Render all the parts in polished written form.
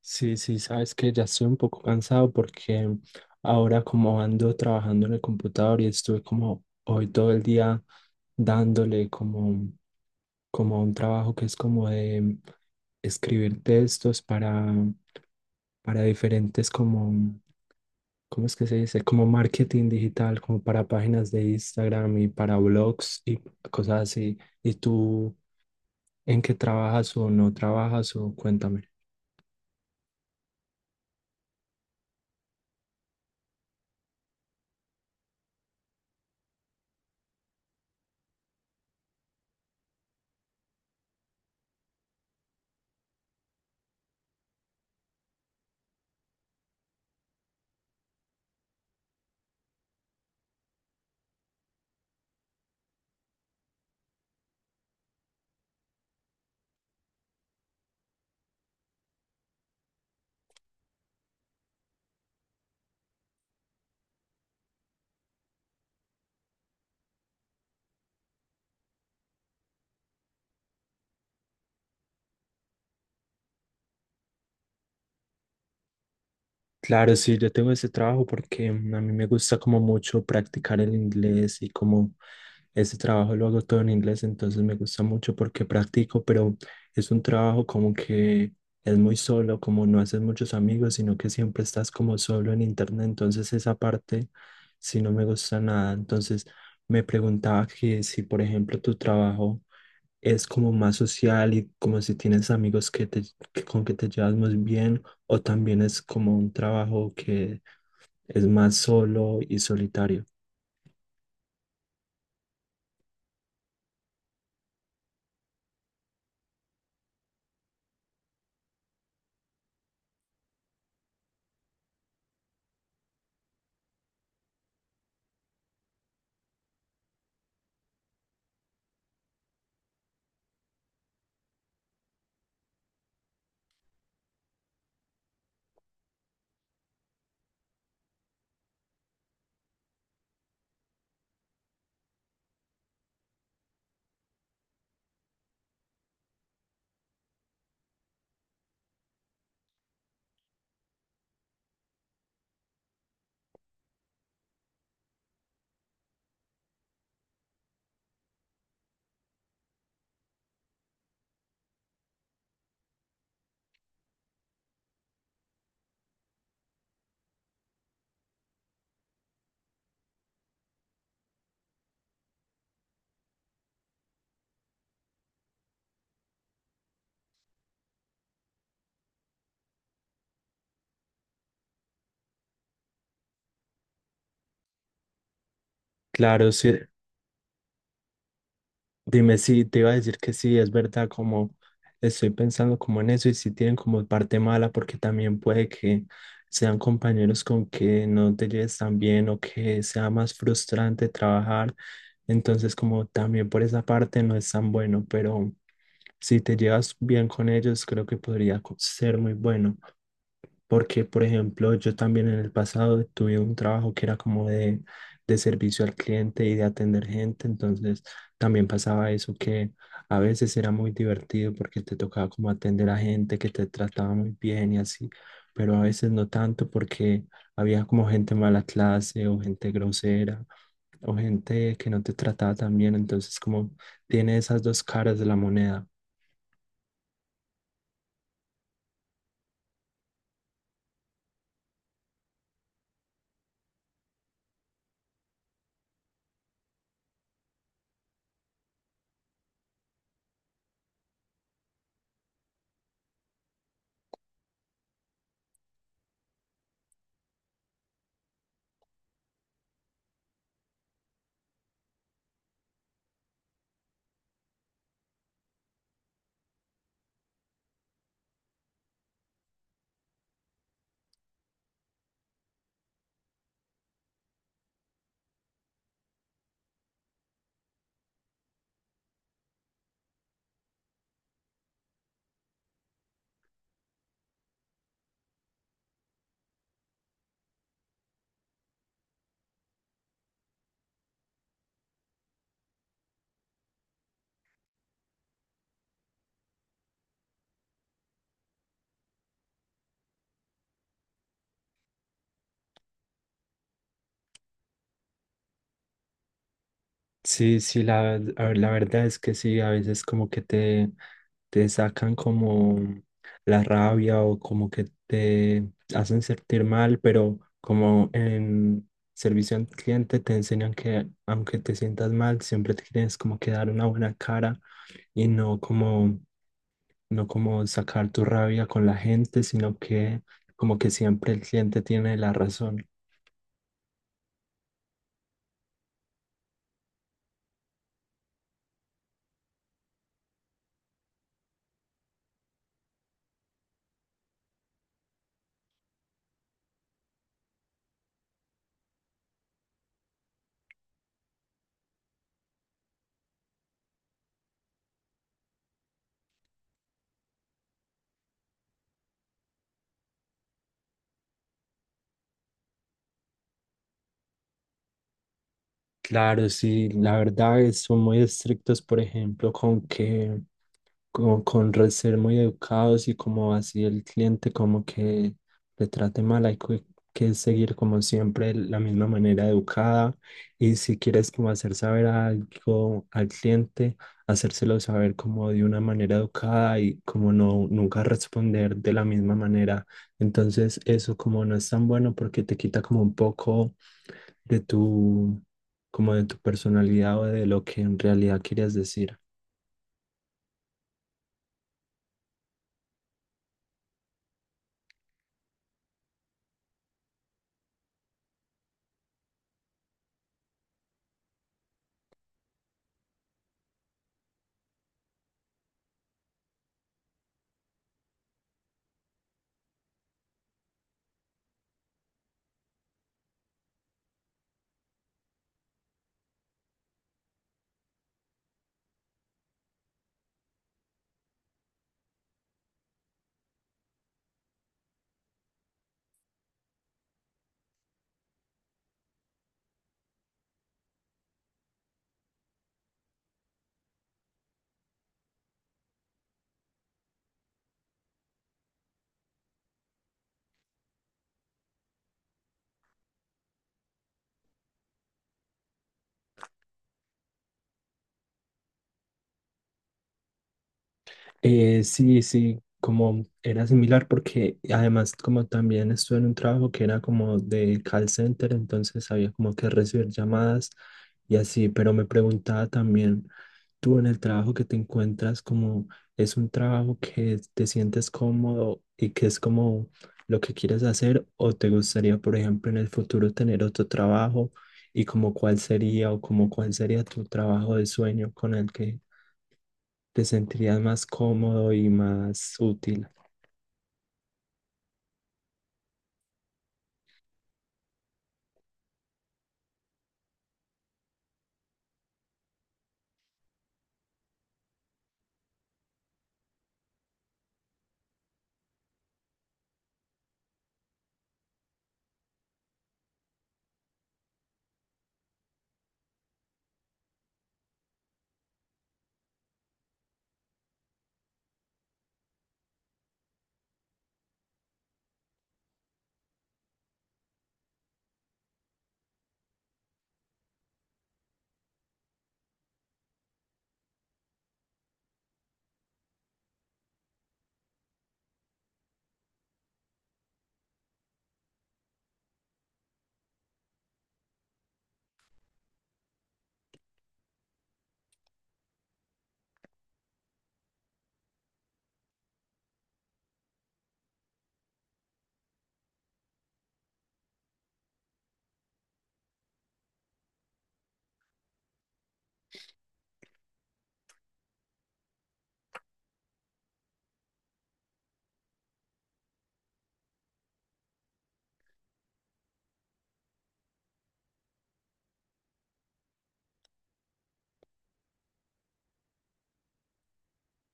Sí, sí, sabes que ya estoy un poco cansado porque ahora como ando trabajando en el computador y estuve como hoy todo el día dándole como, como un trabajo que es como de escribir textos para diferentes como ¿cómo es que se dice? Como marketing digital, como para páginas de Instagram y para blogs y cosas así. ¿Y tú en qué trabajas o no trabajas o cuéntame? Claro, sí, yo tengo ese trabajo porque a mí me gusta como mucho practicar el inglés y como ese trabajo lo hago todo en inglés, entonces me gusta mucho porque practico, pero es un trabajo como que es muy solo, como no haces muchos amigos, sino que siempre estás como solo en internet, entonces esa parte sí no me gusta nada. Entonces me preguntaba que si, por ejemplo, tu trabajo es como más social y como si tienes amigos que te, con que te llevas muy bien, o también es como un trabajo que es más solo y solitario. Claro, sí, dime si te iba a decir que sí, es verdad, como estoy pensando como en eso y si tienen como parte mala, porque también puede que sean compañeros con que no te lleves tan bien o que sea más frustrante trabajar. Entonces, como también por esa parte no es tan bueno, pero... Si te llevas bien con ellos, creo que podría ser muy bueno, porque, por ejemplo, yo también en el pasado tuve un trabajo que era como de servicio al cliente y de atender gente, entonces también pasaba eso que a veces era muy divertido porque te tocaba como atender a gente que te trataba muy bien y así, pero a veces no tanto porque había como gente mala clase o gente grosera o gente que no te trataba tan bien, entonces como tiene esas dos caras de la moneda. Sí, sí, a ver, la verdad es que sí, a veces como que te sacan como la rabia o como que te hacen sentir mal, pero como en servicio al cliente te enseñan que aunque te sientas mal, siempre te tienes como que dar una buena cara y no como, no como sacar tu rabia con la gente, sino que como que siempre el cliente tiene la razón. Claro, sí, son muy estrictos, por ejemplo, con ser muy educados y como así el cliente como que le trate mal, que seguir como siempre la misma manera educada y si quieres como hacer saber algo al cliente, hacérselo saber como de una manera educada y como no nunca responder de la misma manera. Entonces eso como no es tan bueno porque te quita como un poco de tu como de tu personalidad o de lo que en realidad querías decir. Sí, sí, como era similar porque además como también estuve en un trabajo que era como de call center, entonces había como que recibir llamadas y así, pero me preguntaba también, tú en el trabajo que te encuentras, como es un trabajo que te sientes cómodo y que es como lo que quieres hacer o te gustaría, por ejemplo, en el futuro tener otro trabajo y como cuál sería o como cuál sería tu trabajo de sueño con el que te sentirías más cómodo y más útil.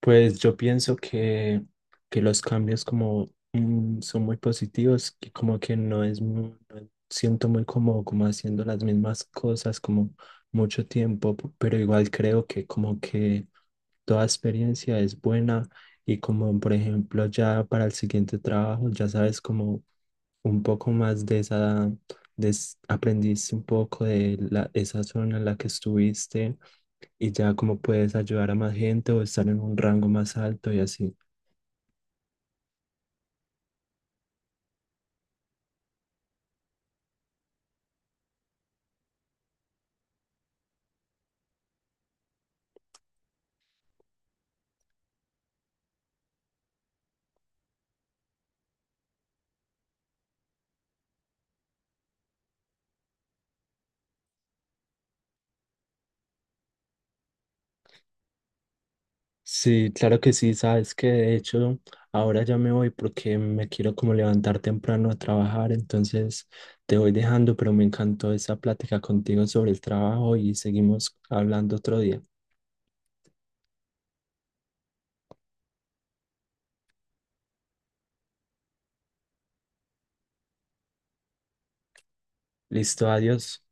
Pues yo pienso que los cambios como son muy positivos, que como que no es, no siento muy cómodo como haciendo las mismas cosas como mucho tiempo, pero igual creo que como que toda experiencia es buena y como por ejemplo ya para el siguiente trabajo ya sabes como un poco más de esa, aprendiste un poco de la, esa zona en la que estuviste y ya como puedes ayudar a más gente o estar en un rango más alto y así. Sí, claro que sí, sabes que de hecho ahora ya me voy porque me quiero como levantar temprano a trabajar, entonces te voy dejando, pero me encantó esa plática contigo sobre el trabajo y seguimos hablando otro día. Listo, adiós.